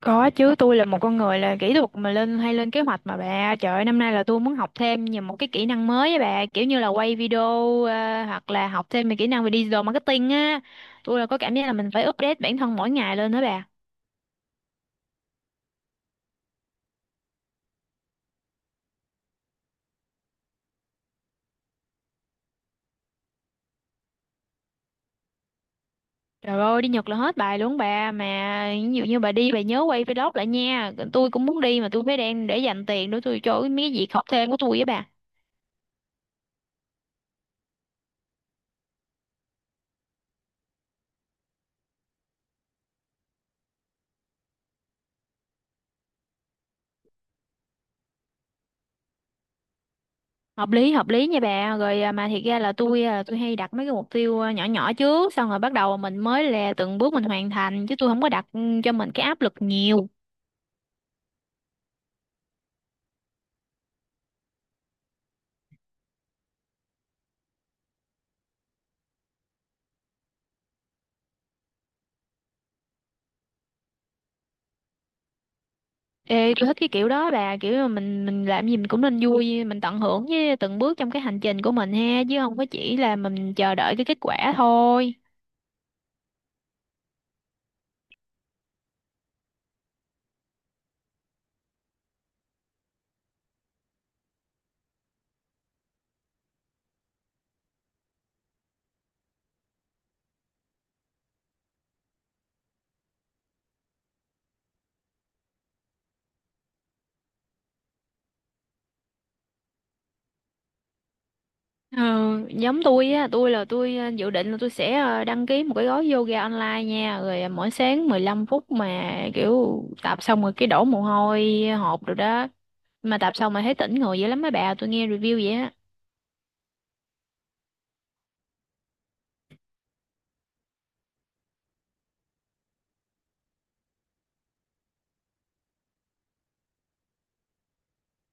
Có chứ. Tôi là một con người là kỹ thuật mà lên hay lên kế hoạch mà bà, trời ơi, năm nay là tôi muốn học thêm nhiều một cái kỹ năng mới á bà, kiểu như là quay video, hoặc là học thêm về kỹ năng về digital marketing á. Tôi là có cảm giác là mình phải update bản thân mỗi ngày lên đó bà. Trời ơi, đi Nhật là hết bài luôn bà, mà ví dụ như bà đi, bà nhớ quay vlog lại nha. Tôi cũng muốn đi mà tôi phải đang để dành tiền để tôi cho mấy cái việc học thêm của tôi với bà. Hợp lý hợp lý nha bà. Rồi à, mà thiệt ra là tôi hay đặt mấy cái mục tiêu nhỏ nhỏ trước, xong rồi bắt đầu mình mới là từng bước mình hoàn thành, chứ tôi không có đặt, cho mình cái áp lực nhiều. Ê, tôi thích cái kiểu đó bà, kiểu mà mình làm gì mình cũng nên vui, mình tận hưởng với từng bước trong cái hành trình của mình ha, chứ không có chỉ là mình chờ đợi cái kết quả thôi. Ờ, giống tôi á, tôi dự định là tôi sẽ đăng ký một cái gói yoga online nha, rồi ờ, mỗi sáng 15 phút mà kiểu tập xong rồi cái đổ mồ hôi hột rồi đó, mà tập xong mà thấy tỉnh người dữ lắm mấy bà, tôi nghe review vậy á.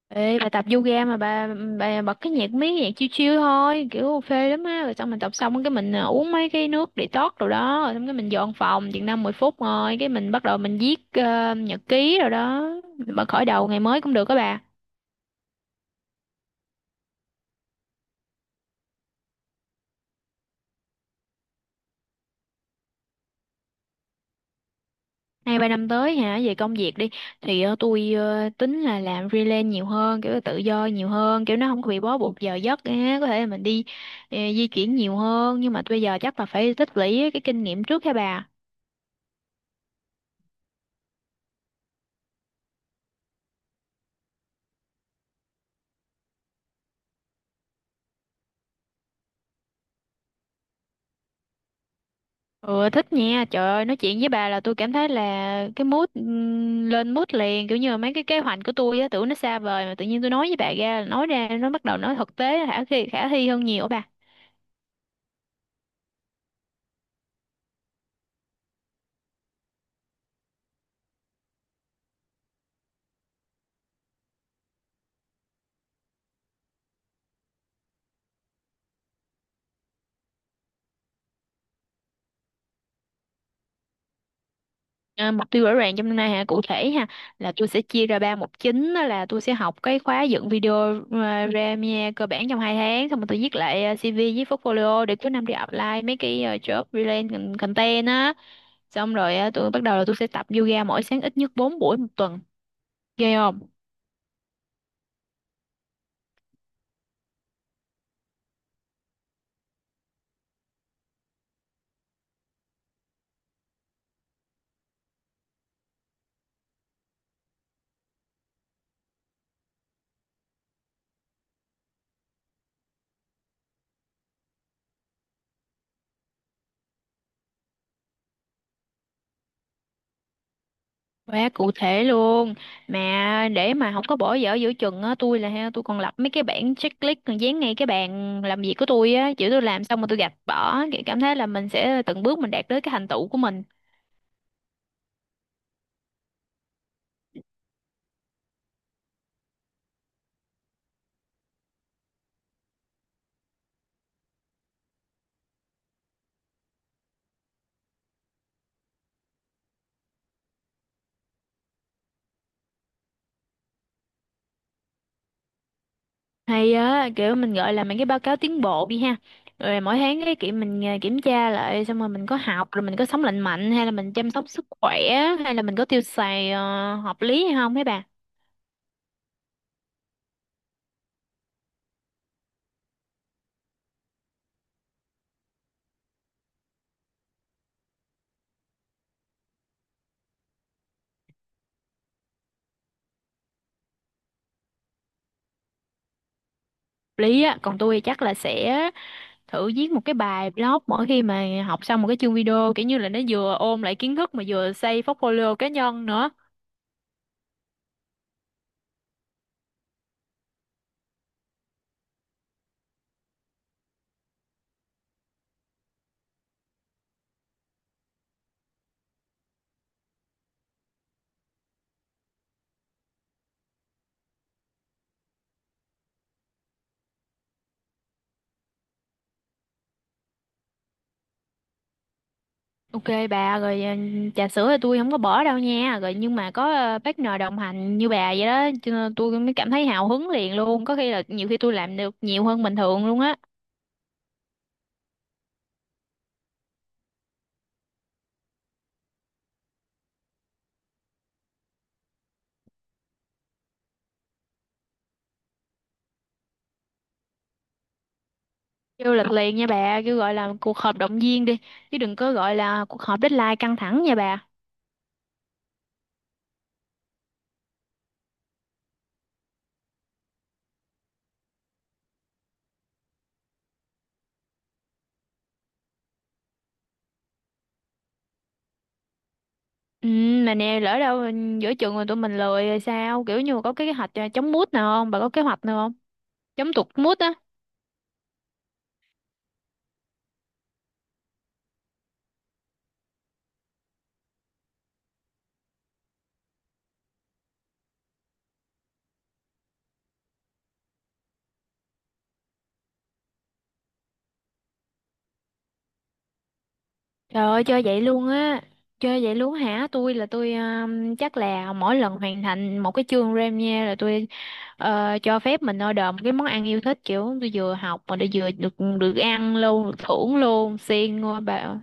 Ê bà, tập yoga mà bà bật cái nhạc mấy cái nhạc chill chill thôi, kiểu phê lắm á, rồi xong mình tập xong cái mình uống mấy cái nước detox rồi đó, rồi xong cái mình dọn phòng chừng 5 10 phút, rồi cái mình bắt đầu mình viết nhật ký rồi đó. Mình bắt khởi đầu ngày mới cũng được các bà. Nay 3 năm tới hả, về công việc đi thì ờ, tôi tính là làm freelance nhiều hơn, kiểu là tự do nhiều hơn, kiểu nó không có bị bó buộc giờ giấc á, có thể là mình đi, di chuyển nhiều hơn. Nhưng mà bây giờ chắc là phải tích lũy cái kinh nghiệm trước hả bà. Ừ, thích nha, trời ơi, nói chuyện với bà là tôi cảm thấy là cái mood, lên mood liền, kiểu như là mấy cái kế hoạch của tôi á, tưởng nó xa vời mà tự nhiên tôi nói với bà ra, nói ra nó bắt đầu nó thực tế, khả thi hơn nhiều á bà. À, mục tiêu rõ ràng trong năm nay hả, cụ thể ha, là tôi sẽ chia ra ba mục chính. Đó là tôi sẽ học cái khóa dựng video, Premiere cơ bản trong 2 tháng, xong rồi tôi viết lại CV với portfolio để cuối năm đi apply mấy cái job related content á. Xong rồi ờ, tôi bắt đầu là tôi sẽ tập yoga mỗi sáng ít nhất 4 buổi 1 tuần. Ghê không? Quá cụ thể luôn. Mà để mà không có bỏ dở giữa chừng á, tôi là ha, tôi còn lập mấy cái bảng checklist, còn dán ngay cái bàn làm việc của tôi á, chữ tôi làm xong mà tôi gạch bỏ, kiểu cảm thấy là mình sẽ từng bước mình đạt tới cái thành tựu của mình. Hay á, kiểu mình gọi là mấy cái báo cáo tiến bộ đi ha, rồi mỗi tháng cái kiểu mình kiểm tra lại, xong rồi mình có học, rồi mình có sống lành mạnh hay là mình chăm sóc sức khỏe, hay là mình có tiêu xài hợp lý hay không mấy bà. Lý á, còn tôi chắc là sẽ thử viết một cái bài blog mỗi khi mà học xong một cái chương video, kiểu như là nó vừa ôm lại kiến thức mà vừa xây portfolio cá nhân nữa. Ok bà. Rồi ờ, trà sữa thì tôi không có bỏ đâu nha. Rồi nhưng mà có partner đồng hành như bà vậy đó, cho nên tôi mới cảm thấy hào hứng liền luôn, có khi là nhiều khi tôi làm được nhiều hơn bình thường luôn á. Kêu lịch liền nha bà, kêu gọi là cuộc họp động viên đi, chứ đừng có gọi là cuộc họp deadline căng thẳng nha bà. Ừ, mà nè, lỡ đâu giữa chừng rồi tụi mình lười rồi sao, kiểu như có cái kế hoạch chống mút nào không bà, có kế hoạch nào. Giống tụt mút á. Trời ơi, chơi vậy luôn á? Chơi vậy luôn hả? Tôi chắc là mỗi lần hoàn thành một cái chương RAM nha, là tôi cho phép mình order một cái món ăn yêu thích. Kiểu tôi vừa học mà tôi vừa được được ăn luôn, được thưởng luôn. Siêng ngôi bà.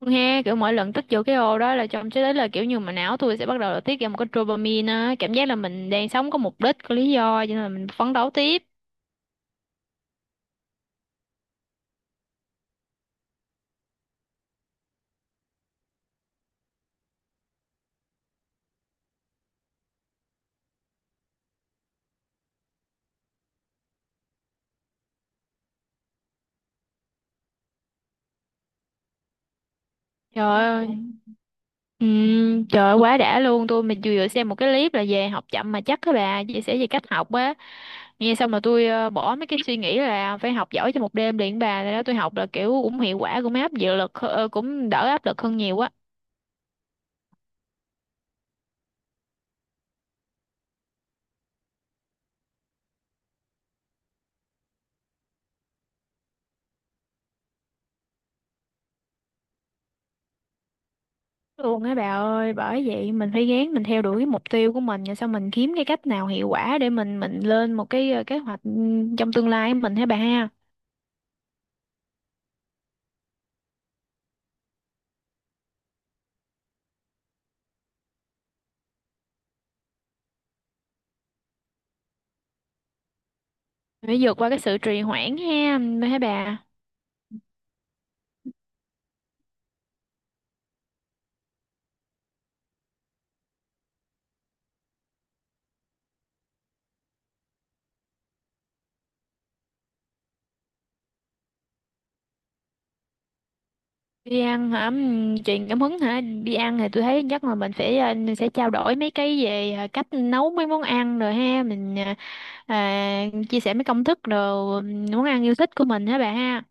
Nghe kiểu mỗi lần tích vô cái ô đó là trong tới đấy, là kiểu như mà não tôi sẽ bắt đầu là tiết ra một cái dopamine á. Cảm giác là mình đang sống có mục đích, có lý do, cho nên là mình phấn đấu tiếp. Trời ơi. Ừ, trời ơi, quá đã luôn tôi. Mình vừa vừa xem một cái clip là về học chậm mà chắc các bà chia sẻ về cách học á, nghe xong là tôi bỏ mấy cái suy nghĩ là phải học giỏi trong một đêm liền bà. Rồi đó tôi học là kiểu cũng hiệu quả, cũng áp dự lực cũng đỡ áp lực hơn nhiều á. Luôn á bà ơi, bởi vậy mình phải gán mình theo đuổi cái mục tiêu của mình, rồi sau mình kiếm cái cách nào hiệu quả để mình lên một cái kế hoạch, trong tương lai của mình hả bà ha. Phải vượt qua cái sự trì hoãn ha, hả bà. Đi ăn hả? Truyền cảm hứng hả? Đi ăn thì tôi thấy chắc là mình phải sẽ trao đổi mấy cái về cách nấu mấy món ăn rồi ha. Mình chia sẻ mấy công thức rồi, món ăn yêu thích của mình hả bà ha.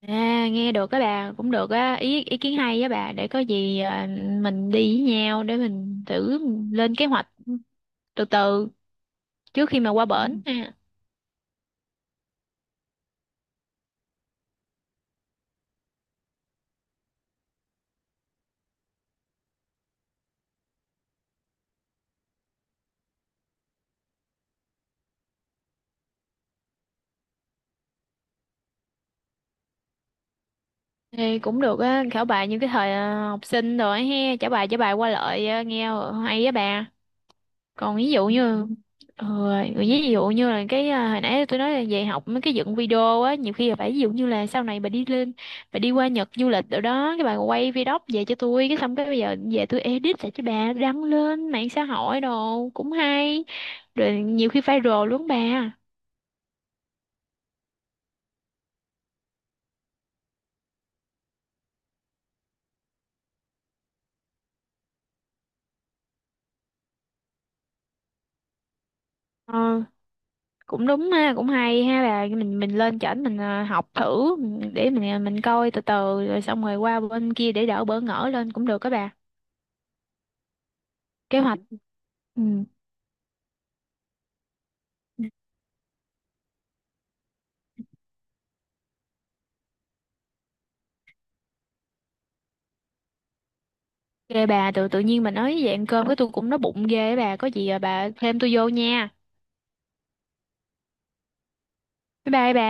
À, nghe được á bà, cũng được á. Ý ý kiến hay á bà, để có gì mình đi với nhau để mình thử lên kế hoạch từ từ, trước khi mà qua, ừ, bển ha. Ê, cũng được á, khảo bài như cái thời học sinh rồi ha, trả bài qua lại, nghe hay á bà. Còn ví dụ như, ờ, ví dụ như là cái à, hồi nãy tôi nói là về học mấy cái dựng video á, nhiều khi là phải, ví dụ như là sau này bà đi lên, bà đi qua Nhật du lịch rồi đó, cái bà quay video về cho tôi, cái xong cái bây giờ về tôi edit lại cho bà đăng lên mạng xã hội đồ cũng hay, rồi nhiều khi viral luôn bà. Ờ, cũng đúng ha, cũng hay ha bà. Mình lên chảnh, mình học thử, để mình mình coi từ từ, rồi xong rồi qua bên kia để đỡ bỡ ngỡ lên cũng được các bà. Kế hoạch, ừ. Ghê bà, tự tự nhiên bà nói vậy ăn cơm, cái tôi cũng nói bụng ghê á bà. Có gì à bà thêm tôi vô nha. Bye bye bà.